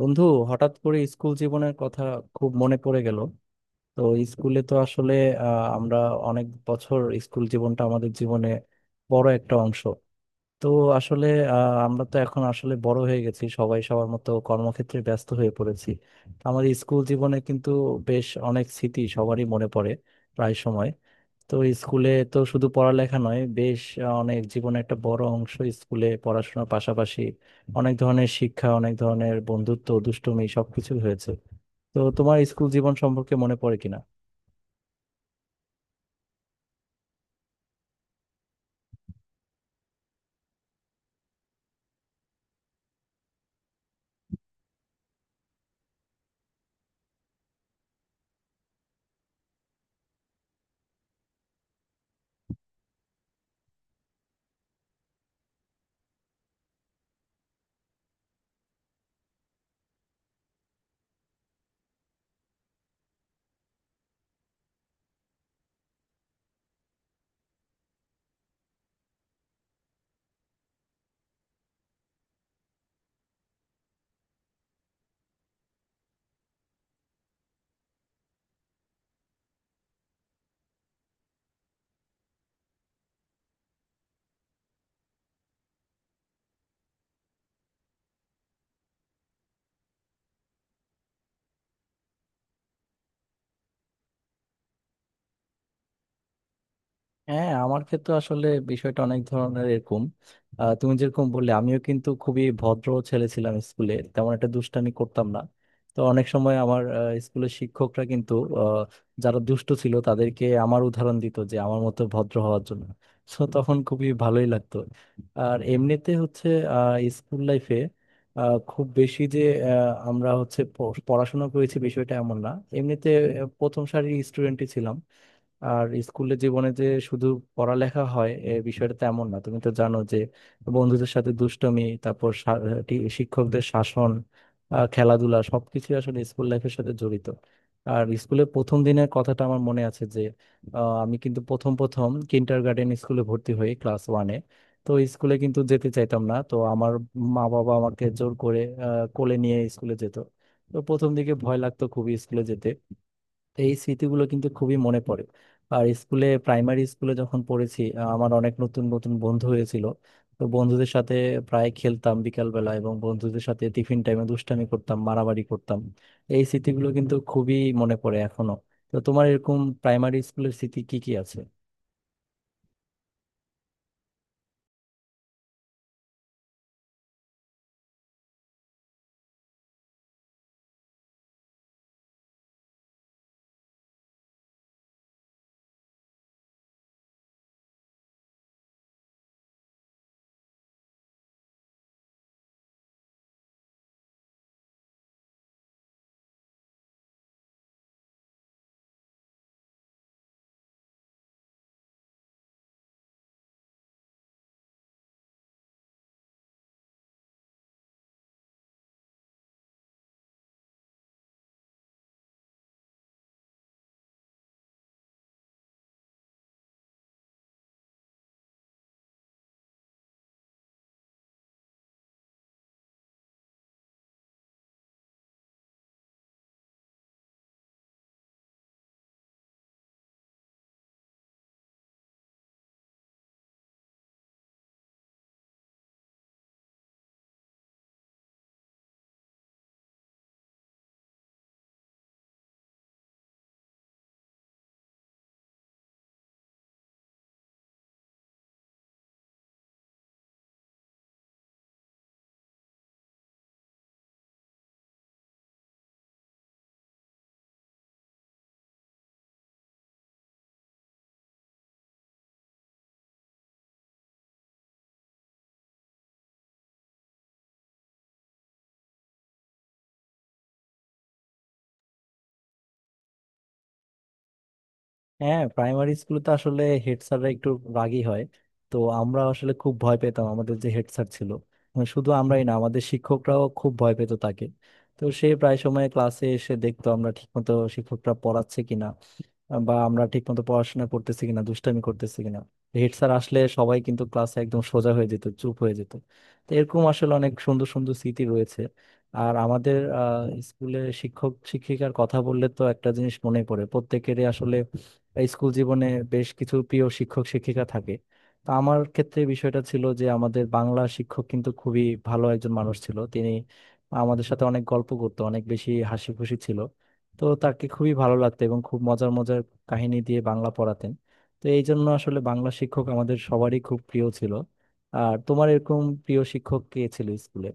বন্ধু, হঠাৎ করে স্কুল জীবনের কথা খুব মনে পড়ে গেল। তো স্কুলে তো আসলে আমরা অনেক বছর স্কুল জীবনটা আমাদের জীবনে বড় একটা অংশ। তো আসলে আমরা তো এখন আসলে বড় হয়ে গেছি, সবাই সবার মতো কর্মক্ষেত্রে ব্যস্ত হয়ে পড়েছি। আমাদের স্কুল জীবনে কিন্তু বেশ অনেক স্মৃতি সবারই মনে পড়ে প্রায় সময়। তো স্কুলে তো শুধু পড়ালেখা নয়, বেশ অনেক জীবনে একটা বড় অংশ। স্কুলে পড়াশোনার পাশাপাশি অনেক ধরনের শিক্ষা, অনেক ধরনের বন্ধুত্ব, দুষ্টুমি সবকিছু হয়েছে। তো তোমার স্কুল জীবন সম্পর্কে মনে পড়ে কিনা? হ্যাঁ, আমার ক্ষেত্রে আসলে বিষয়টা অনেক ধরনের এরকম। তুমি যেরকম বললে আমিও কিন্তু খুবই ভদ্র ছেলে ছিলাম, স্কুলে তেমন একটা দুষ্টামি করতাম না। তো অনেক সময় আমার স্কুলের শিক্ষকরা কিন্তু আহ, যারা দুষ্ট ছিল তাদেরকে আমার উদাহরণ দিত, যে আমার মতো ভদ্র হওয়ার জন্য। তো তখন খুবই ভালোই লাগতো। আর এমনিতে হচ্ছে স্কুল লাইফে খুব বেশি যে আমরা হচ্ছে পড়াশোনা করেছি বিষয়টা এমন না। এমনিতে প্রথম সারির স্টুডেন্টই ছিলাম। আর স্কুলের জীবনে যে শুধু পড়ালেখা হয় এ বিষয়টা তেমন না, তুমি তো জানো যে বন্ধুদের সাথে দুষ্টমি, তারপর শিক্ষকদের শাসন, খেলাধুলা সবকিছু আসলে স্কুল লাইফের সাথে জড়িত। আর স্কুলের প্রথম দিনের কথাটা আমার মনে আছে যে আমি কিন্তু প্রথম প্রথম কিন্ডার গার্ডেন স্কুলে ভর্তি হই ক্লাস ওয়ানে। তো স্কুলে কিন্তু যেতে চাইতাম না, তো আমার মা বাবা আমাকে জোর করে কোলে নিয়ে স্কুলে যেত। তো প্রথম দিকে ভয় লাগতো খুবই স্কুলে যেতে। তো এই স্মৃতিগুলো কিন্তু খুবই মনে পড়ে। আর স্কুলে প্রাইমারি স্কুলে যখন পড়েছি আমার অনেক নতুন নতুন বন্ধু হয়েছিল। তো বন্ধুদের সাথে প্রায় খেলতাম বিকাল বেলা, এবং বন্ধুদের সাথে টিফিন টাইমে দুষ্টামি করতাম, মারামারি করতাম। এই স্মৃতিগুলো কিন্তু খুবই মনে পড়ে এখনো। তো তোমার এরকম প্রাইমারি স্কুলের স্মৃতি কি কি আছে? হ্যাঁ, প্রাইমারি স্কুলে তো আসলে হেড স্যাররা একটু রাগী হয়। তো আমরা আসলে খুব ভয় পেতাম আমাদের যে হেড স্যার ছিল। মানে শুধু আমরাই না, আমাদের শিক্ষকরাও খুব ভয় পেত তাকে। তো সে প্রায় সময় ক্লাসে এসে দেখতো আমরা ঠিকমতো শিক্ষকরা পড়াচ্ছে কিনা, বা আমরা ঠিকমতো পড়াশোনা করতেছি কিনা, দুষ্টামি করতেছি কিনা। হেড স্যার আসলে সবাই কিন্তু ক্লাসে একদম সোজা হয়ে যেত, চুপ হয়ে যেত। তো এরকম আসলে অনেক সুন্দর সুন্দর স্মৃতি রয়েছে। আর আমাদের স্কুলে শিক্ষক শিক্ষিকার কথা বললে তো একটা জিনিস মনে পড়ে, প্রত্যেকেরই আসলে স্কুল জীবনে বেশ কিছু প্রিয় শিক্ষক শিক্ষিকা থাকে। তো আমার ক্ষেত্রে বিষয়টা ছিল যে আমাদের বাংলা শিক্ষক কিন্তু খুবই ভালো একজন মানুষ ছিল, তিনি আমাদের সাথে অনেক গল্প করতো, অনেক বেশি হাসি খুশি ছিল। তো তাকে খুবই ভালো লাগতো এবং খুব মজার কাহিনী দিয়ে বাংলা পড়াতেন। তো এই জন্য আসলে বাংলা শিক্ষক আমাদের সবারই খুব প্রিয় ছিল। আর তোমার এরকম প্রিয় শিক্ষক কে ছিল স্কুলে?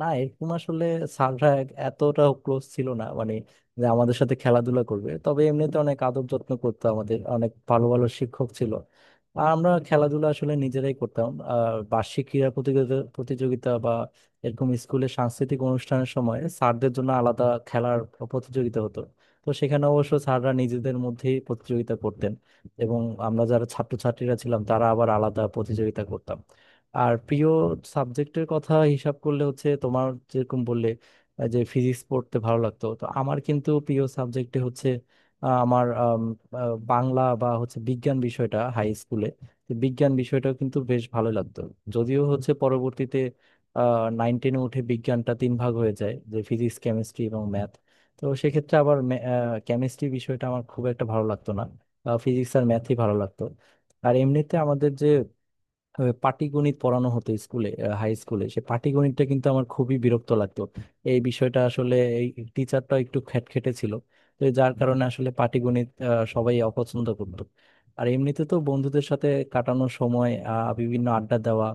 না, এরকম আসলে সানরা এতটা ক্লোজ ছিল না, মানে যে আমাদের সাথে খেলাধুলা করবে। তবে এমনিতে অনেক আদব যত্ন করতো, আমাদের অনেক ভালো ভালো শিক্ষক ছিল। আর আমরা খেলাধুলা আসলে নিজেরাই করতাম। আর বার্ষিক ক্রীড়া প্রতিযোগিতা প্রতিযোগিতা বা এরকম স্কুলে সাংস্কৃতিক অনুষ্ঠানের সময় স্যারদের জন্য আলাদা খেলার প্রতিযোগিতা হতো। তো সেখানে অবশ্য স্যাররা নিজেদের মধ্যেই প্রতিযোগিতা করতেন, এবং আমরা যারা ছাত্রছাত্রীরা ছিলাম তারা আবার আলাদা প্রতিযোগিতা করতাম। আর প্রিয় সাবজেক্টের কথা হিসাব করলে হচ্ছে তোমার যেরকম বললে যে ফিজিক্স পড়তে ভালো লাগতো, তো আমার কিন্তু প্রিয় সাবজেক্টে হচ্ছে আমার বাংলা বা হচ্ছে বিজ্ঞান বিষয়টা হাই স্কুলে। তো বিজ্ঞান বিষয়টাও কিন্তু বেশ ভালো লাগতো। যদিও হচ্ছে পরবর্তীতে নাইন টেনে উঠে বিজ্ঞানটা তিন ভাগ হয়ে যায়, যে ফিজিক্স, কেমিস্ট্রি এবং ম্যাথ। তো সেক্ষেত্রে আবার কেমিস্ট্রি বিষয়টা আমার খুব একটা ভালো লাগতো না, ফিজিক্স আর ম্যাথই ভালো লাগতো। আর এমনিতে আমাদের যে পাটিগণিত পড়ানো হতো স্কুলে, হাই স্কুলে সে পাটিগণিতটা কিন্তু আমার খুবই বিরক্ত লাগতো। এই বিষয়টা আসলে এই টিচারটা একটু খ্যাটখেটে ছিল, তো যার কারণে আসলে পাটিগণিত সবাই অপছন্দ করতো। আর এমনিতে তো বন্ধুদের সাথে কাটানোর সময় বিভিন্ন আড্ডা দেওয়া,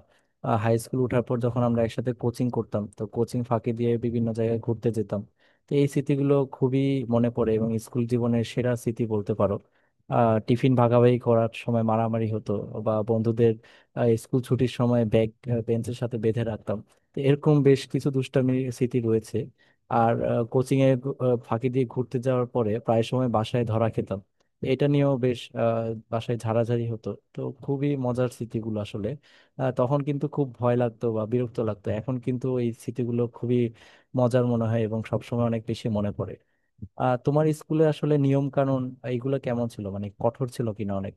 হাই স্কুল ওঠার পর যখন আমরা একসাথে কোচিং করতাম, তো কোচিং ফাঁকি দিয়ে বিভিন্ন জায়গায় ঘুরতে যেতাম। তো এই স্মৃতিগুলো খুবই মনে পড়ে এবং স্কুল জীবনের সেরা স্মৃতি বলতে পারো। টিফিন ভাগাভাগি করার সময় মারামারি হতো বা বন্ধুদের স্কুল ছুটির সময় ব্যাগ বেঞ্চের সাথে বেঁধে রাখতাম। তো এরকম বেশ কিছু দুষ্টামির স্মৃতি রয়েছে। আর কোচিং এ ফাঁকি দিয়ে ঘুরতে যাওয়ার পরে প্রায় সময় বাসায় ধরা খেতাম। এটা নিয়েও বেশ বাসায় ঝাড়াঝাড়ি হতো। তো খুবই মজার স্মৃতিগুলো আসলে তখন কিন্তু খুব ভয় লাগতো বা বিরক্ত লাগতো, এখন কিন্তু এই স্মৃতিগুলো খুবই মজার মনে হয় এবং সবসময় অনেক বেশি মনে পড়ে। তোমার স্কুলে আসলে নিয়ম কানুন এইগুলো কেমন ছিল, মানে কঠোর ছিল কিনা অনেক?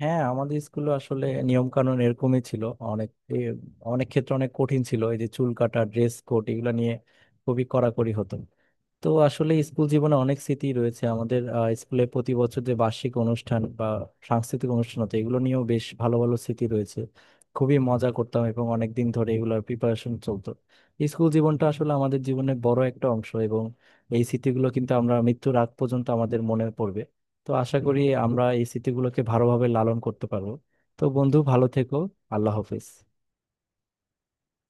হ্যাঁ, আমাদের স্কুলে আসলে নিয়ম কানুন এরকমই ছিল। অনেক এ, অনেক ক্ষেত্রে অনেক কঠিন ছিল, এই যে চুল কাটা, ড্রেস কোড এগুলো নিয়ে খুবই কড়াকড়ি হতো। তো আসলে স্কুল জীবনে অনেক স্মৃতি রয়েছে আমাদের, স্কুলে প্রতি বছর যে বার্ষিক অনুষ্ঠান বা সাংস্কৃতিক অনুষ্ঠান হতো এগুলো নিয়েও বেশ ভালো ভালো স্মৃতি রয়েছে। খুবই মজা করতাম এবং অনেক দিন ধরে এগুলোর প্রিপারেশন চলতো। স্কুল জীবনটা আসলে আমাদের জীবনের বড় একটা অংশ, এবং এই স্মৃতিগুলো কিন্তু আমরা মৃত্যুর আগ পর্যন্ত আমাদের মনে পড়বে। তো আশা করি আমরা এই স্মৃতিগুলোকে ভালোভাবে লালন করতে পারবো। তো বন্ধু, ভালো থেকো। আল্লাহ হাফেজ।